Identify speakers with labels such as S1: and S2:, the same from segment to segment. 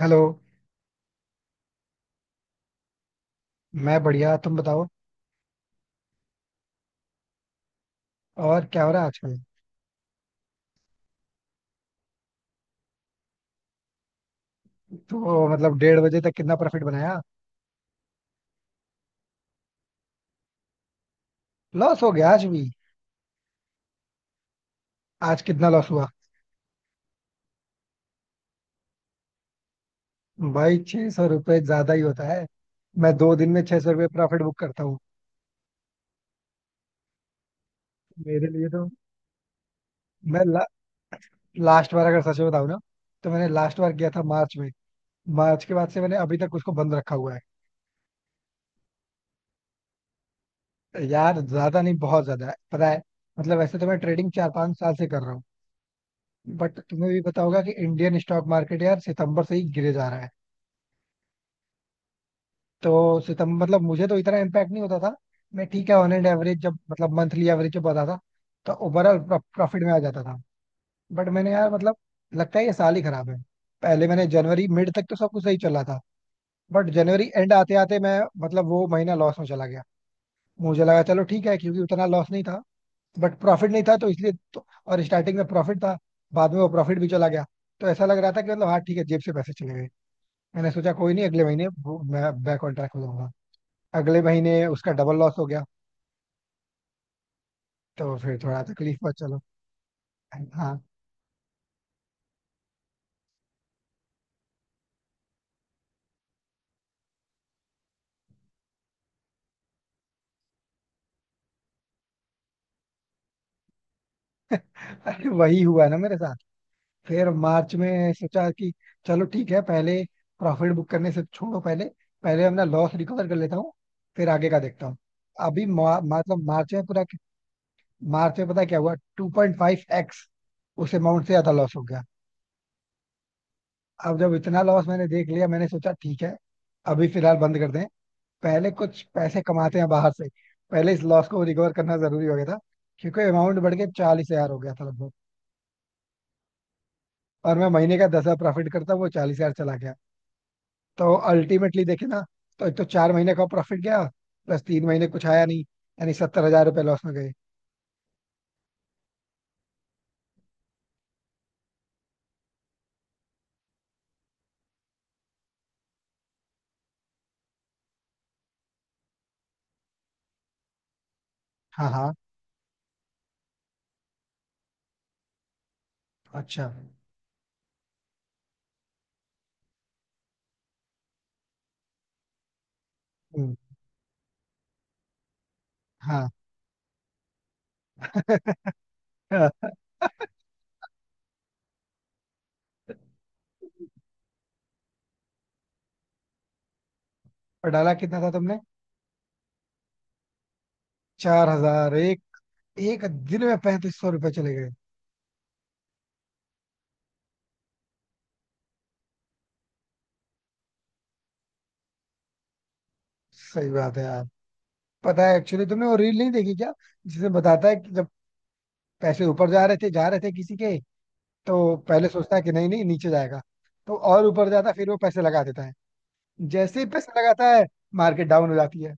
S1: Hello. मैं बढ़िया, तुम बताओ। और क्या हो रहा है आजकल। तो मतलब 1:30 बजे तक कितना प्रॉफिट बनाया। लॉस हो गया आज भी। आज कितना लॉस हुआ। भाई 600 रुपये ज्यादा ही होता है। मैं दो दिन में 600 रुपये प्रॉफिट बुक करता हूँ। मेरे लिए तो मैं ला, लास्ट बार अगर सच में बताऊँ ना, तो मैंने लास्ट बार किया था मार्च में। मार्च के बाद से मैंने अभी तक उसको बंद रखा हुआ है। यार ज्यादा नहीं, बहुत ज्यादा है, पता है। मतलब वैसे तो मैं ट्रेडिंग 4 5 साल से कर रहा हूँ। बट तुम्हें भी पता होगा कि इंडियन स्टॉक मार्केट यार सितंबर से ही गिरे जा रहा है। तो सितंबर, मतलब मुझे तो इतना इम्पैक्ट नहीं होता था। मैं ठीक है, ऑन एंड एवरेज जब मतलब मंथली एवरेज जब आता था, तो ओवरऑल प्रॉफिट में आ जाता था। बट मैंने यार मतलब, लगता है ये साल ही खराब है। पहले मैंने जनवरी मिड तक तो सब कुछ सही चला था। बट जनवरी एंड आते आते मैं, मतलब वो महीना लॉस में चला गया। मुझे लगा चलो ठीक है क्योंकि उतना लॉस नहीं था। बट प्रॉफिट नहीं था तो इसलिए तो, और स्टार्टिंग में प्रॉफिट था। बाद में वो प्रॉफिट भी चला गया। तो ऐसा लग रहा था कि मतलब हाँ ठीक है, जेब से पैसे चले गए। मैंने सोचा कोई नहीं, अगले महीने मैं बैक ऑन ट्रैक हो जाऊंगा। अगले महीने उसका डबल लॉस हो गया। तो फिर थोड़ा तकलीफ में, चलो। हाँ। अरे वही हुआ ना मेरे साथ। फिर मार्च में सोचा कि चलो ठीक है, पहले प्रॉफिट बुक करने से छोड़ो, पहले पहले अपना लॉस रिकवर कर लेता हूँ, फिर आगे का देखता हूँ। मतलब मार्च में पूरा, मार्च में पता है क्या हुआ, 2.5x उस अमाउंट से ज्यादा लॉस हो गया। अब जब इतना लॉस मैंने देख लिया, मैंने सोचा ठीक है, अभी फिलहाल बंद कर दें, पहले कुछ पैसे कमाते हैं बाहर से। पहले इस लॉस को रिकवर करना जरूरी हो गया था क्योंकि अमाउंट बढ़ के 40 हजार हो गया था लगभग। और मैं महीने का 10 हजार प्रॉफिट करता, वो 40 हजार चला गया। तो अल्टीमेटली देखे ना, तो एक तो चार महीने का प्रॉफिट गया, प्लस तीन महीने कुछ आया नहीं, यानी 70 हजार रुपये लॉस में गए। हाँ हाँ। अच्छा। हम्म, हाँ। और डाला कितना था तुमने। 4 हजार, एक एक दिन में 3,500 रुपए चले गए। सही बात है यार। पता है एक्चुअली तुमने वो रील नहीं देखी क्या, जिसमें बताता है कि जब पैसे ऊपर जा रहे थे किसी के, तो पहले सोचता है कि नहीं नहीं नीचे जाएगा, तो और ऊपर जाता है, फिर वो पैसे लगा देता है। जैसे ही पैसे लगाता है, मार्केट डाउन हो जाती है।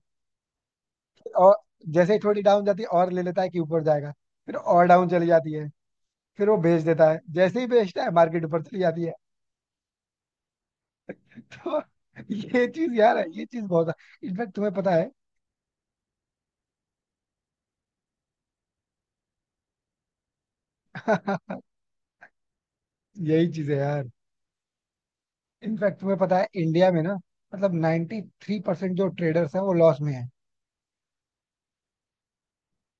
S1: और जैसे ही थोड़ी डाउन जाती है, और ले लेता है कि ऊपर जाएगा, फिर और डाउन चली जाती है, फिर वो बेच देता है। जैसे ही बेचता है, मार्केट ऊपर चली जाती है। तो ये चीज यार है, ये चीज बहुत है। इनफैक्ट तुम्हें पता है। यही चीज है यार। इनफैक्ट तुम्हें पता है इंडिया में ना, मतलब 93% थ्री परसेंट जो ट्रेडर्स हैं वो लॉस में है।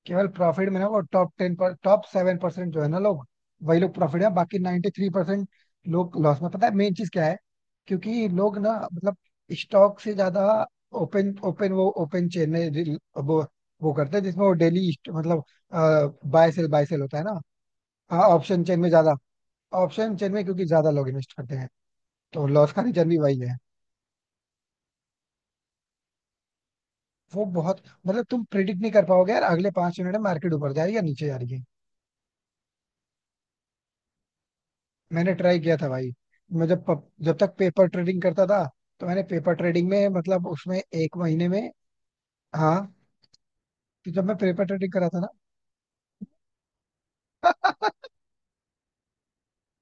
S1: केवल प्रॉफिट में ना, वो टॉप टेन पर, टॉप 7% जो है ना लोग, वही लोग प्रॉफिट में, बाकी 93% लोग लॉस में। पता है मेन चीज क्या है, क्योंकि लोग ना मतलब स्टॉक से ज्यादा ओपन ओपन वो ओपन चेन में वो वो करते हैं जिसमें वो डेली मतलब बाय सेल होता है ना। हाँ, ऑप्शन चेन में ज्यादा, ऑप्शन चेन में क्योंकि ज्यादा लोग इन्वेस्ट करते हैं, तो लॉस का रीजन भी वही है। वो बहुत, मतलब तुम प्रिडिक्ट नहीं कर पाओगे यार अगले 5 मिनट में मार्केट ऊपर जा रही है या नीचे जा रही है। मैंने ट्राई किया था भाई। मैं जब जब तक पेपर ट्रेडिंग करता था, तो मैंने पेपर ट्रेडिंग में मतलब उसमें एक महीने में, हाँ, तो जब मैं पेपर ट्रेडिंग करा था ना,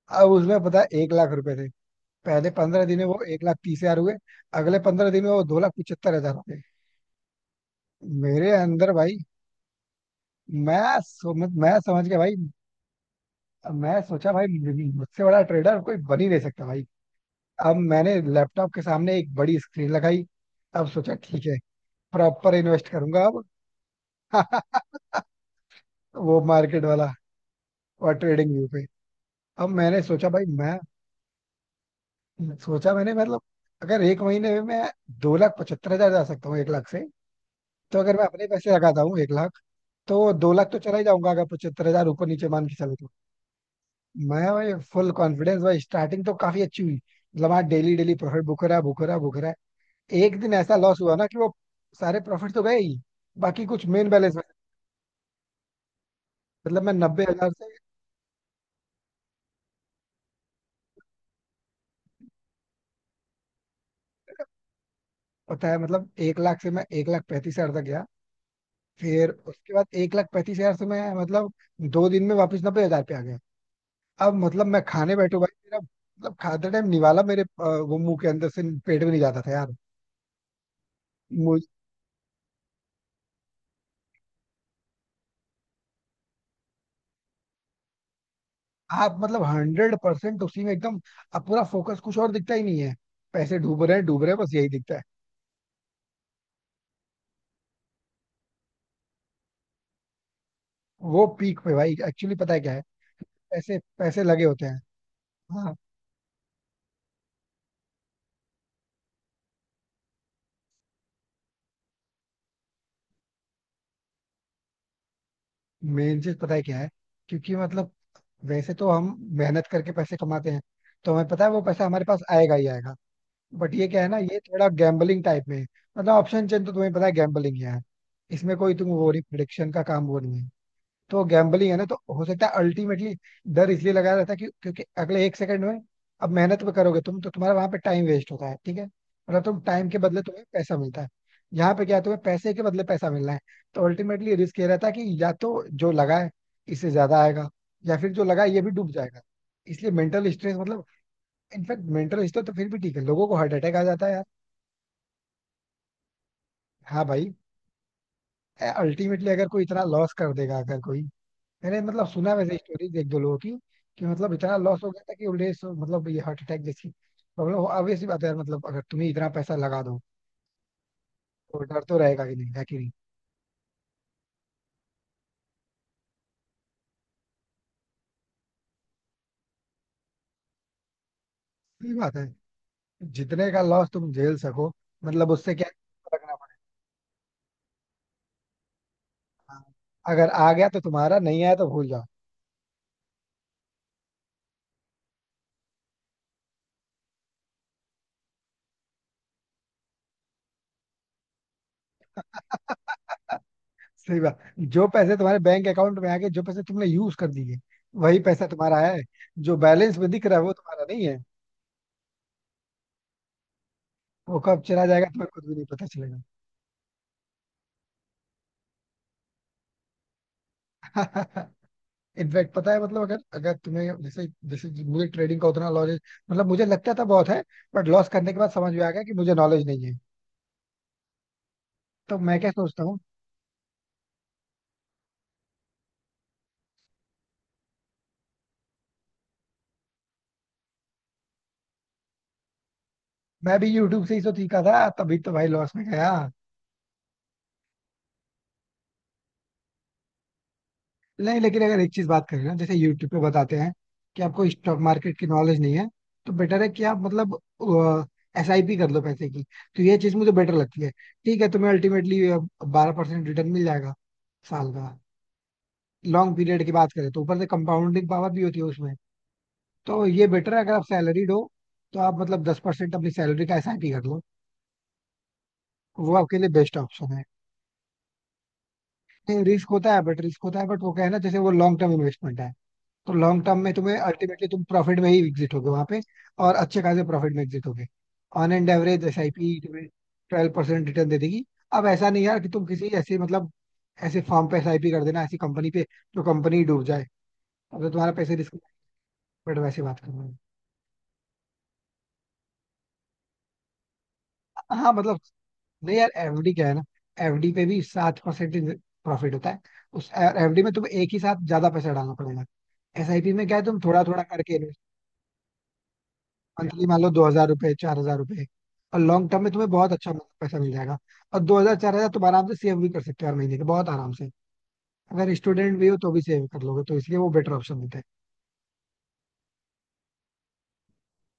S1: अब उसमें पता है 1 लाख रुपए थे। पहले 15 दिन में वो 1 लाख 30 हजार हुए। अगले 15 दिन में वो 2 लाख 75 हजार हो गए। मेरे अंदर भाई, मैं मैं समझ गया भाई। मैं सोचा भाई मुझसे बड़ा ट्रेडर कोई बन ही नहीं सकता भाई। अब मैंने लैपटॉप के सामने एक बड़ी स्क्रीन लगाई। अब सोचा ठीक है प्रॉपर इन्वेस्ट करूंगा। अब वो मार्केट वाला, और ट्रेडिंग व्यू पे। अब मैंने सोचा भाई मैं, सोचा मैंने मतलब, अगर एक महीने में मैं 2 लाख 75 हजार जा सकता हूँ 1 लाख से, तो अगर मैं अपने पैसे लगाता हूँ 1 लाख, तो 2 लाख तो चला ही जाऊंगा, अगर 75 हजार ऊपर नीचे मान के चलो तो। मैं भाई फुल कॉन्फिडेंस, भाई स्टार्टिंग तो काफी अच्छी हुई, मतलब हाँ डेली डेली प्रॉफिट बुक हो रहा है, बुक हो रहा है, बुक हो रहा है। एक दिन ऐसा लॉस हुआ ना कि वो सारे प्रॉफिट तो गए ही, बाकी कुछ मेन बैलेंस में, मतलब मैं 90 हजार से। पता है मतलब 1 लाख से मैं 1 लाख 35 हजार तक गया, फिर उसके बाद 1 लाख 35 हजार से मैं मतलब दो दिन में वापस 90 हजार पे आ गया। अब मतलब मैं खाने बैठू भाई, मेरा मतलब खाते टाइम निवाला मेरे वो मुंह के अंदर से पेट में नहीं जाता था यार। मुझ आप मतलब 100% उसी में एकदम, अब पूरा फोकस कुछ और दिखता ही नहीं है, पैसे डूब रहे हैं बस यही दिखता है। वो पीक पे भाई एक्चुअली पता है क्या है, पैसे पैसे लगे होते हैं। हाँ। मेन चीज पता है क्या है, क्योंकि मतलब वैसे तो हम मेहनत करके पैसे कमाते हैं, तो हमें पता है वो पैसा हमारे पास आएगा ही आएगा। बट ये क्या है ना, ये थोड़ा गैम्बलिंग टाइप में है, मतलब ऑप्शन चेन तो तुम्हें पता है गैम्बलिंग ही है, इसमें कोई तुम वो नहीं, प्रिडिक्शन का काम वो नहीं है। तो गैम्बलिंग है ना, तो हो सकता है अल्टीमेटली डर इसलिए लगाया रहता है, कि क्योंकि अगले एक सेकंड में, अब मेहनत भी करोगे तुम तो तुम्हारा वहां पे टाइम वेस्ट होता है, ठीक है, मतलब तुम टाइम के बदले तुम्हें पैसा मिलता है। यहाँ पे क्या है, तुम्हें पैसे के बदले पैसा मिलना है। तो अल्टीमेटली रिस्क ये रहता है कि या तो जो लगा है इससे ज्यादा आएगा, या फिर जो लगा है ये भी डूब जाएगा। इसलिए मेंटल स्ट्रेस मतलब, इनफैक्ट मेंटल स्ट्रेस तो फिर भी ठीक है, लोगों को हार्ट अटैक आ जाता है। हाँ भाई, अल्टीमेटली अगर कोई इतना लॉस कर देगा, अगर कोई, मैंने मतलब सुना वैसे स्टोरीज एक दो लोगों की कि मतलब इतना लॉस हो गया था कि मतलब ये हार्ट अटैक जैसी प्रॉब्लम हो, obvious सी बात है यार, मतलब अगर तुम्हें इतना पैसा लगा दो, तो डर तो रहेगा कि नहीं है कि नहीं। सही बात है। जितने का लॉस तुम झेल सको, मतलब उससे क्या रखना पड़ेगा। अगर आ गया तो तुम्हारा, नहीं आया तो भूल जाओ। सही बात। जो पैसे तुम्हारे बैंक अकाउंट में आ गए, जो पैसे तुमने यूज कर दिए, वही पैसा तुम्हारा है। जो बैलेंस में दिख रहा है वो तुम्हारा नहीं। वो कब चला जाएगा तुम्हें खुद भी नहीं पता चलेगा। इनफैक्ट पता है मतलब अगर अगर तुम्हें, जैसे जैसे मुझे ट्रेडिंग का उतना नॉलेज, मतलब मुझे लगता था बहुत है, बट लॉस करने के बाद समझ में आ गया कि मुझे नॉलेज नहीं है। तो मैं क्या सोचता हूँ। मैं भी यूट्यूब से ही तो सीखा था, तभी तो भाई लॉस में गया। नहीं लेकिन अगर एक चीज बात करें ना, जैसे यूट्यूब पे बताते हैं कि आपको स्टॉक मार्केट की नॉलेज नहीं है, तो बेटर है कि आप मतलब SIP कर लो पैसे की। तो ये चीज मुझे बेटर लगती है। ठीक है, तुम्हें अल्टीमेटली 12% रिटर्न मिल जाएगा साल का। लॉन्ग पीरियड की बात करें तो ऊपर से कंपाउंडिंग पावर भी होती है उसमें। तो ये बेटर है, अगर आप सैलरीड हो तो आप मतलब 10% अपनी सैलरी का SIP कर लो। वो आपके लिए बेस्ट ऑप्शन है। रिस्क होता है बट, रिस्क होता है बट वो क्या है ना, जैसे वो लॉन्ग टर्म इन्वेस्टमेंट है, तो लॉन्ग टर्म में तुम्हें अल्टीमेटली तुम प्रॉफिट में ही एग्जिट होगे वहां पे। और अच्छे खासे प्रॉफिट में एग्जिट होगे। ऑन एंड एवरेज SIP तुम्हें 12% रिटर्न दे देगी। अब ऐसा नहीं यार कि तुम किसी ऐसे मतलब ऐसे फॉर्म पे SIP कर देना, ऐसी कंपनी पे जो कंपनी डूब जाए, अब तो तुम्हारा पैसे रिस्क। बट वैसे बात कर रहे हैं, हाँ मतलब, नहीं यार FD क्या है ना, एफडी पे भी 7% प्रॉफिट होता है। उस FD में तुम्हें एक ही साथ ज्यादा पैसा डालना पड़ेगा। एसआईपी में क्या है तुम थोड़ा थोड़ा करके इन्वेस्ट, मंथली मान लो 2 हजार रुपए 4 हजार रुपए, और लॉन्ग टर्म में तुम्हें बहुत अच्छा पैसा मिल जाएगा। और दो हजार चार हजार तुम आराम से सेव भी कर सकते हो हर महीने के, बहुत आराम से। अगर स्टूडेंट भी हो तो भी सेव कर लोगे, तो इसलिए वो बेटर ऑप्शन देते हैं।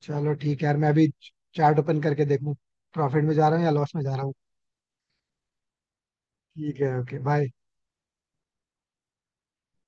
S1: चलो ठीक है यार, मैं अभी चार्ट ओपन करके देखूं प्रॉफिट में जा रहा हूँ या लॉस में जा रहा हूँ। ठीक है, ओके बाय।